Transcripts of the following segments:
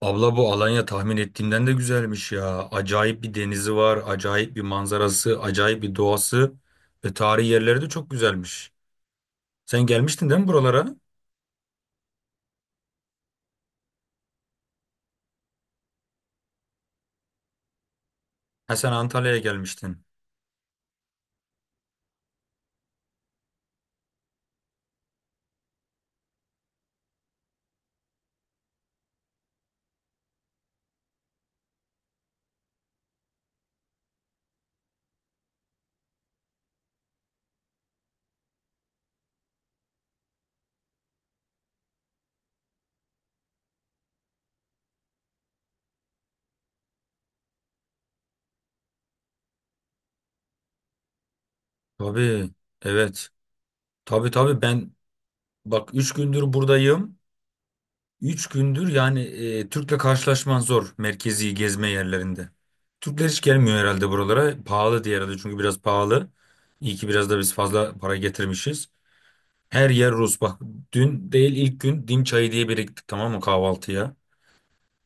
Abla bu Alanya tahmin ettiğimden de güzelmiş ya. Acayip bir denizi var, acayip bir manzarası, acayip bir doğası ve tarihi yerleri de çok güzelmiş. Sen gelmiştin değil mi buralara? Ha sen Antalya'ya gelmiştin. Tabii, evet. Tabii tabii ben bak 3 gündür buradayım. 3 gündür yani Türk'le karşılaşman zor merkezi gezme yerlerinde. Türkler hiç gelmiyor herhalde buralara. Pahalı diye herhalde çünkü biraz pahalı. İyi ki biraz da biz fazla para getirmişiz. Her yer Rus. Bak dün değil ilk gün dim çayı diye biriktik tamam mı kahvaltıya.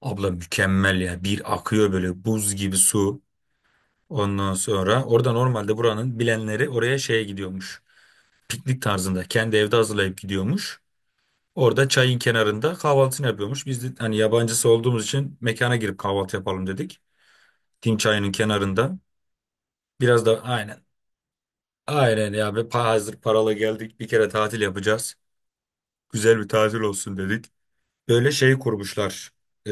Abla mükemmel ya. Bir akıyor böyle buz gibi su. Ondan sonra orada normalde buranın bilenleri oraya şeye gidiyormuş. Piknik tarzında kendi evde hazırlayıp gidiyormuş. Orada çayın kenarında kahvaltısını yapıyormuş. Biz de hani yabancısı olduğumuz için mekana girip kahvaltı yapalım dedik. Dim çayının kenarında. Biraz da aynen. Aynen ya. Ve hazır paralı geldik. Bir kere tatil yapacağız. Güzel bir tatil olsun dedik. Böyle şey kurmuşlar. Ee,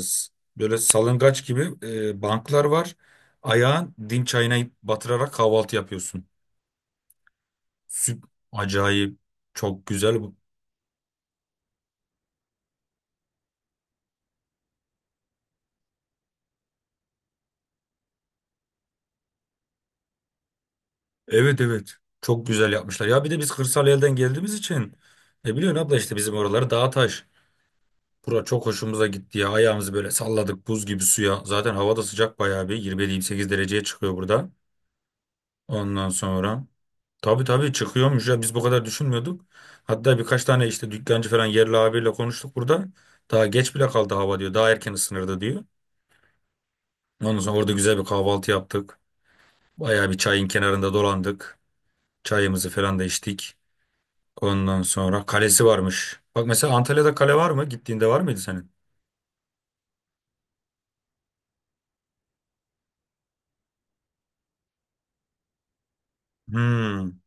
s- Böyle salıngaç gibi banklar var. Ayağın dim çayına batırarak kahvaltı yapıyorsun. Süp Acayip çok güzel bu. Evet evet çok güzel yapmışlar. Ya bir de biz kırsal elden geldiğimiz için ne biliyorsun abla işte bizim oraları dağ taş. Bura çok hoşumuza gitti ya. Ayağımızı böyle salladık buz gibi suya. Zaten hava da sıcak bayağı bir 27-28 dereceye çıkıyor burada. Ondan sonra. Tabii tabii çıkıyormuş ya biz bu kadar düşünmüyorduk. Hatta birkaç tane işte dükkancı falan yerli abiyle konuştuk burada. Daha geç bile kaldı hava diyor. Daha erken ısınırdı diyor. Ondan sonra orada güzel bir kahvaltı yaptık. Bayağı bir çayın kenarında dolandık. Çayımızı falan da içtik. Ondan sonra kalesi varmış. Bak mesela Antalya'da kale var mı? Gittiğinde var mıydı senin? Hmm.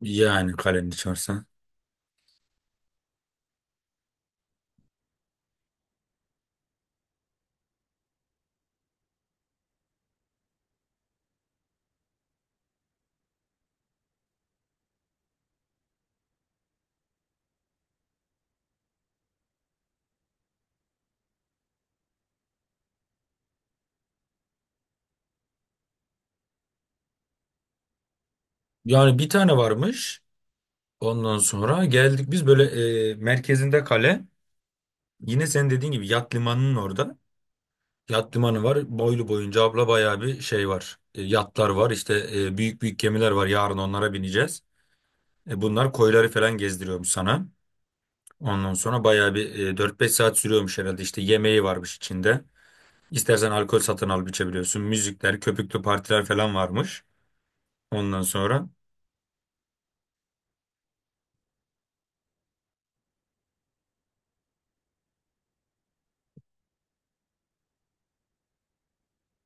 Yani kalenin içersen. Yani bir tane varmış. Ondan sonra geldik biz böyle merkezinde kale. Yine senin dediğin gibi yat limanının orada. Yat limanı var. Boylu boyunca abla bayağı bir şey var. E, yatlar var. İşte büyük büyük gemiler var. Yarın onlara bineceğiz. E, bunlar koyları falan gezdiriyormuş sana. Ondan sonra bayağı bir 4-5 saat sürüyormuş herhalde. İşte yemeği varmış içinde. İstersen alkol satın alıp içebiliyorsun. Müzikler, köpüklü partiler falan varmış. Ondan sonra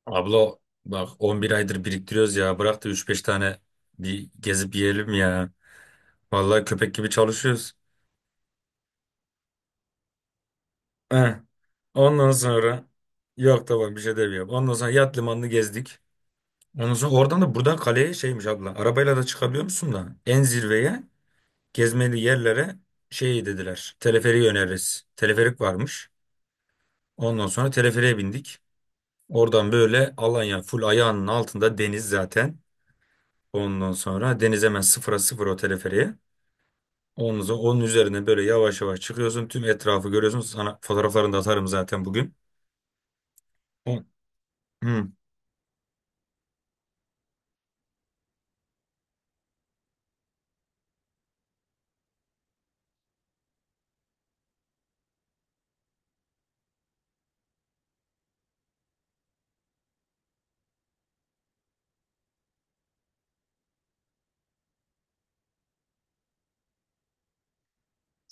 abla bak 11 aydır biriktiriyoruz ya. Bırak da 3-5 tane bir gezip yiyelim ya. Vallahi köpek gibi çalışıyoruz. Heh. Ondan sonra yok tamam bir şey demiyorum. Ondan sonra yat limanını gezdik. Ondan sonra oradan da buradan kaleye şeymiş abla. Arabayla da çıkabiliyor musun da? En zirveye gezmeli yerlere şey dediler. Teleferiği öneririz. Teleferik varmış. Ondan sonra teleferiğe bindik. Oradan böyle Alanya full ayağının altında deniz zaten. Ondan sonra deniz hemen sıfıra sıfır o teleferiğe. Ondan sonra onun üzerine böyle yavaş yavaş çıkıyorsun. Tüm etrafı görüyorsun. Sana fotoğraflarını da atarım zaten bugün. Hı.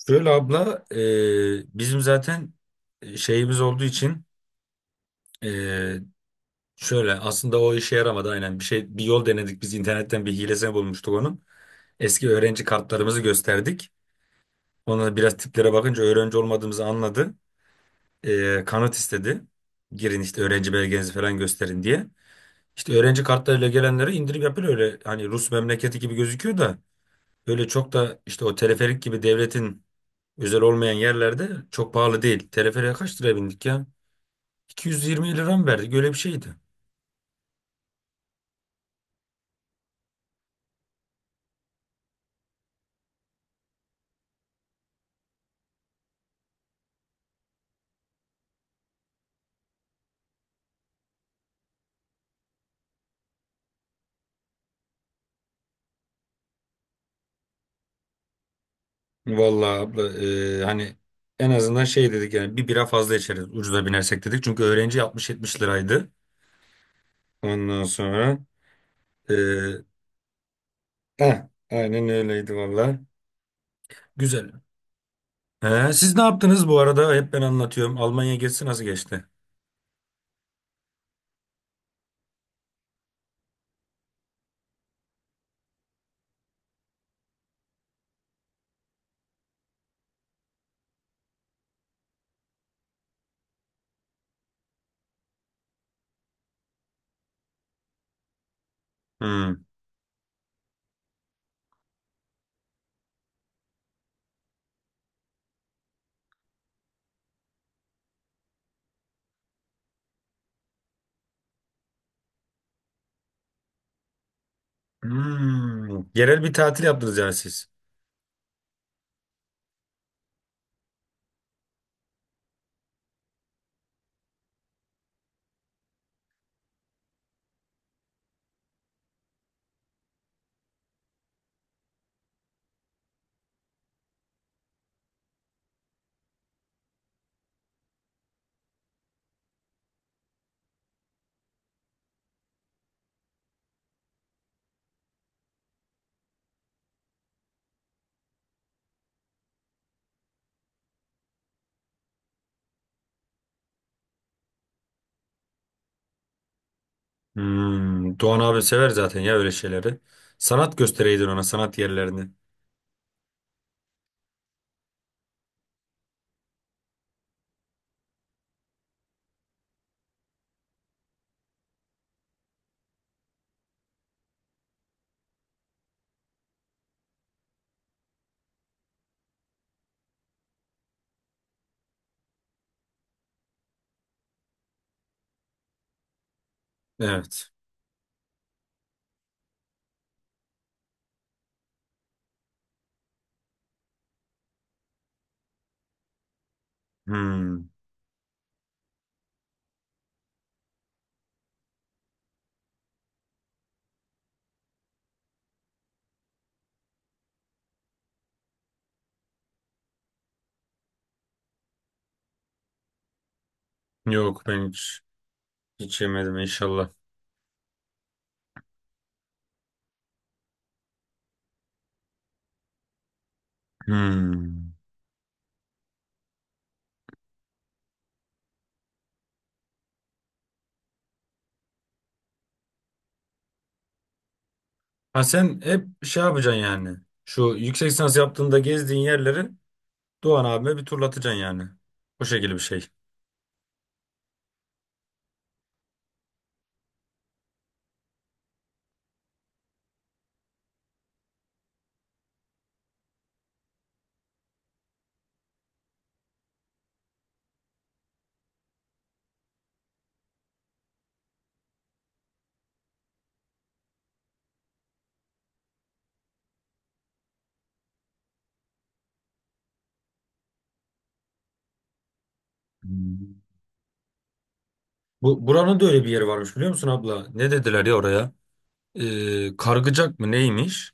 Şöyle abla bizim zaten şeyimiz olduğu için e, şöyle aslında o işe yaramadı aynen bir şey bir yol denedik biz internetten bir hilesini bulmuştuk onun. Eski öğrenci kartlarımızı gösterdik. Ona biraz tiplere bakınca öğrenci olmadığımızı anladı. E, kanıt istedi. Girin işte öğrenci belgenizi falan gösterin diye. İşte öğrenci kartlarıyla gelenleri indirip yapıyor öyle hani Rus memleketi gibi gözüküyor da öyle çok da işte o teleferik gibi devletin özel olmayan yerlerde çok pahalı değil. Teleferiğe kaç liraya bindik ya? 220 lira mı verdik? Öyle bir şeydi. Vallahi abla hani en azından şey dedik yani bir bira fazla içeriz ucuza binersek dedik. Çünkü öğrenci 60-70 liraydı. Ondan sonra e, heh, aynen öyleydi vallahi. Güzel. He, siz ne yaptınız bu arada? Hep ben anlatıyorum. Almanya gezisi nasıl geçti? Hmm. Hmm. Yerel bir tatil yaptınız yani siz. Hmm, Doğan abi sever zaten ya öyle şeyleri. Sanat göstereydin ona sanat yerlerini. Evet. Hmm. Yok ben hiç yemedim inşallah. Hmm. Ha sen hep şey yapacaksın yani. Şu yüksek lisans yaptığında gezdiğin yerleri Doğan abime bir turlatacaksın yani. O şekilde bir şey. Hmm. Bu buranın da öyle bir yeri varmış biliyor musun abla? Ne dediler ya oraya? Kargıcak mı neymiş?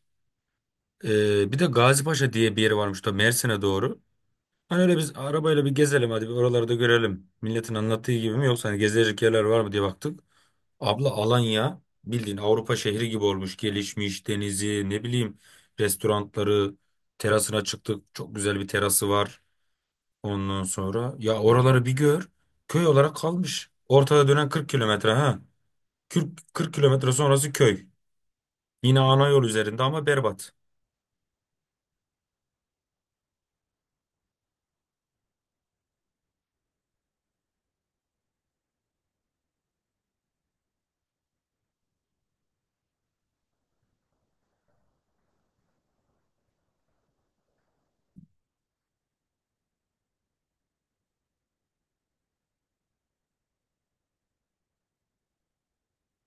Bir de Gazipaşa diye bir yeri varmış da Mersin'e doğru. Hani öyle biz arabayla bir gezelim hadi bir oraları da görelim. Milletin anlattığı gibi mi yoksa hani gezilecek yerler var mı diye baktık. Abla Alanya bildiğin Avrupa şehri gibi olmuş. Gelişmiş denizi ne bileyim restoranları terasına çıktık. Çok güzel bir terası var ondan sonra. Ya oraları bir gör. Köy olarak kalmış. Ortada dönen 40 kilometre ha. Kırk kilometre sonrası köy. Yine ana yol üzerinde ama berbat.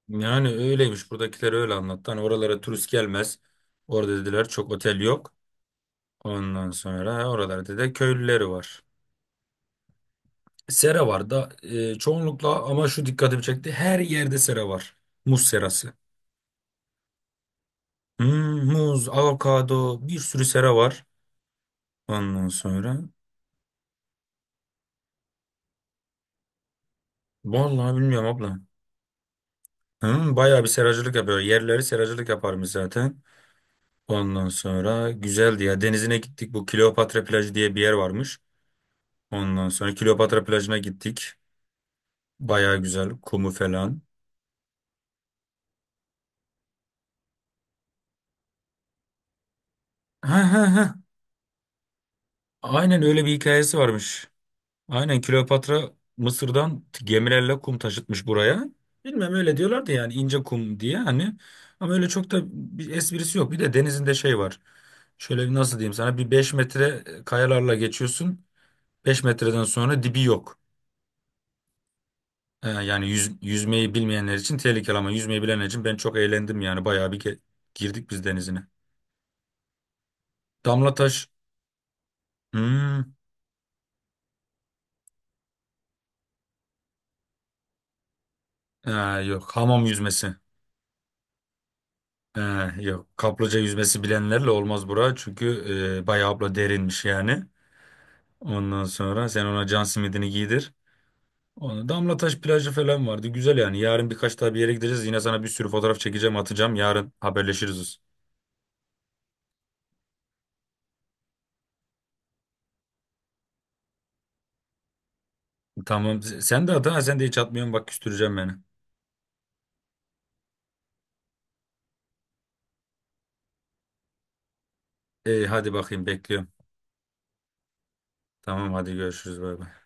Yani öyleymiş buradakiler öyle anlattı. Hani oralara turist gelmez. Orada dediler çok otel yok. Ondan sonra ha, oralarda da köylüleri var. Sera var da çoğunlukla ama şu dikkatimi çekti. Her yerde sera var. Muz serası. Hmm, muz, avokado bir sürü sera var. Ondan sonra vallahi bilmiyorum abla. Hmm, bayağı bir seracılık yapıyor. Yerleri seracılık yaparmış zaten. Ondan sonra güzeldi ya. Denizine gittik. Bu Kleopatra plajı diye bir yer varmış. Ondan sonra Kleopatra plajına gittik. Bayağı güzel. Kumu falan. Ha ha ha. Aynen öyle bir hikayesi varmış. Aynen Kleopatra Mısır'dan gemilerle kum taşıtmış buraya. Bilmem öyle diyorlardı yani ince kum diye hani. Ama öyle çok da bir esprisi yok. Bir de denizinde şey var. Şöyle bir nasıl diyeyim sana bir 5 metre kayalarla geçiyorsun. 5 metreden sonra dibi yok. Yani yüzmeyi bilmeyenler için tehlikeli ama yüzmeyi bilenler için ben çok eğlendim yani. Bayağı bir girdik biz denizine. Damla taş. Hmm. Ee, Yok hamam yüzmesi. Ha, yok kaplıca yüzmesi bilenlerle olmaz bura çünkü bayağı abla derinmiş yani. Ondan sonra sen ona can simidini giydir. Ona Damlataş plajı falan vardı güzel yani. Yarın birkaç daha bir yere gideceğiz yine sana bir sürü fotoğraf çekeceğim atacağım yarın haberleşiriz. Tamam sen de at ha sen de hiç atmıyorsun bak küstüreceğim beni. E, hadi bakayım bekliyorum. Tamam hadi görüşürüz bay bay.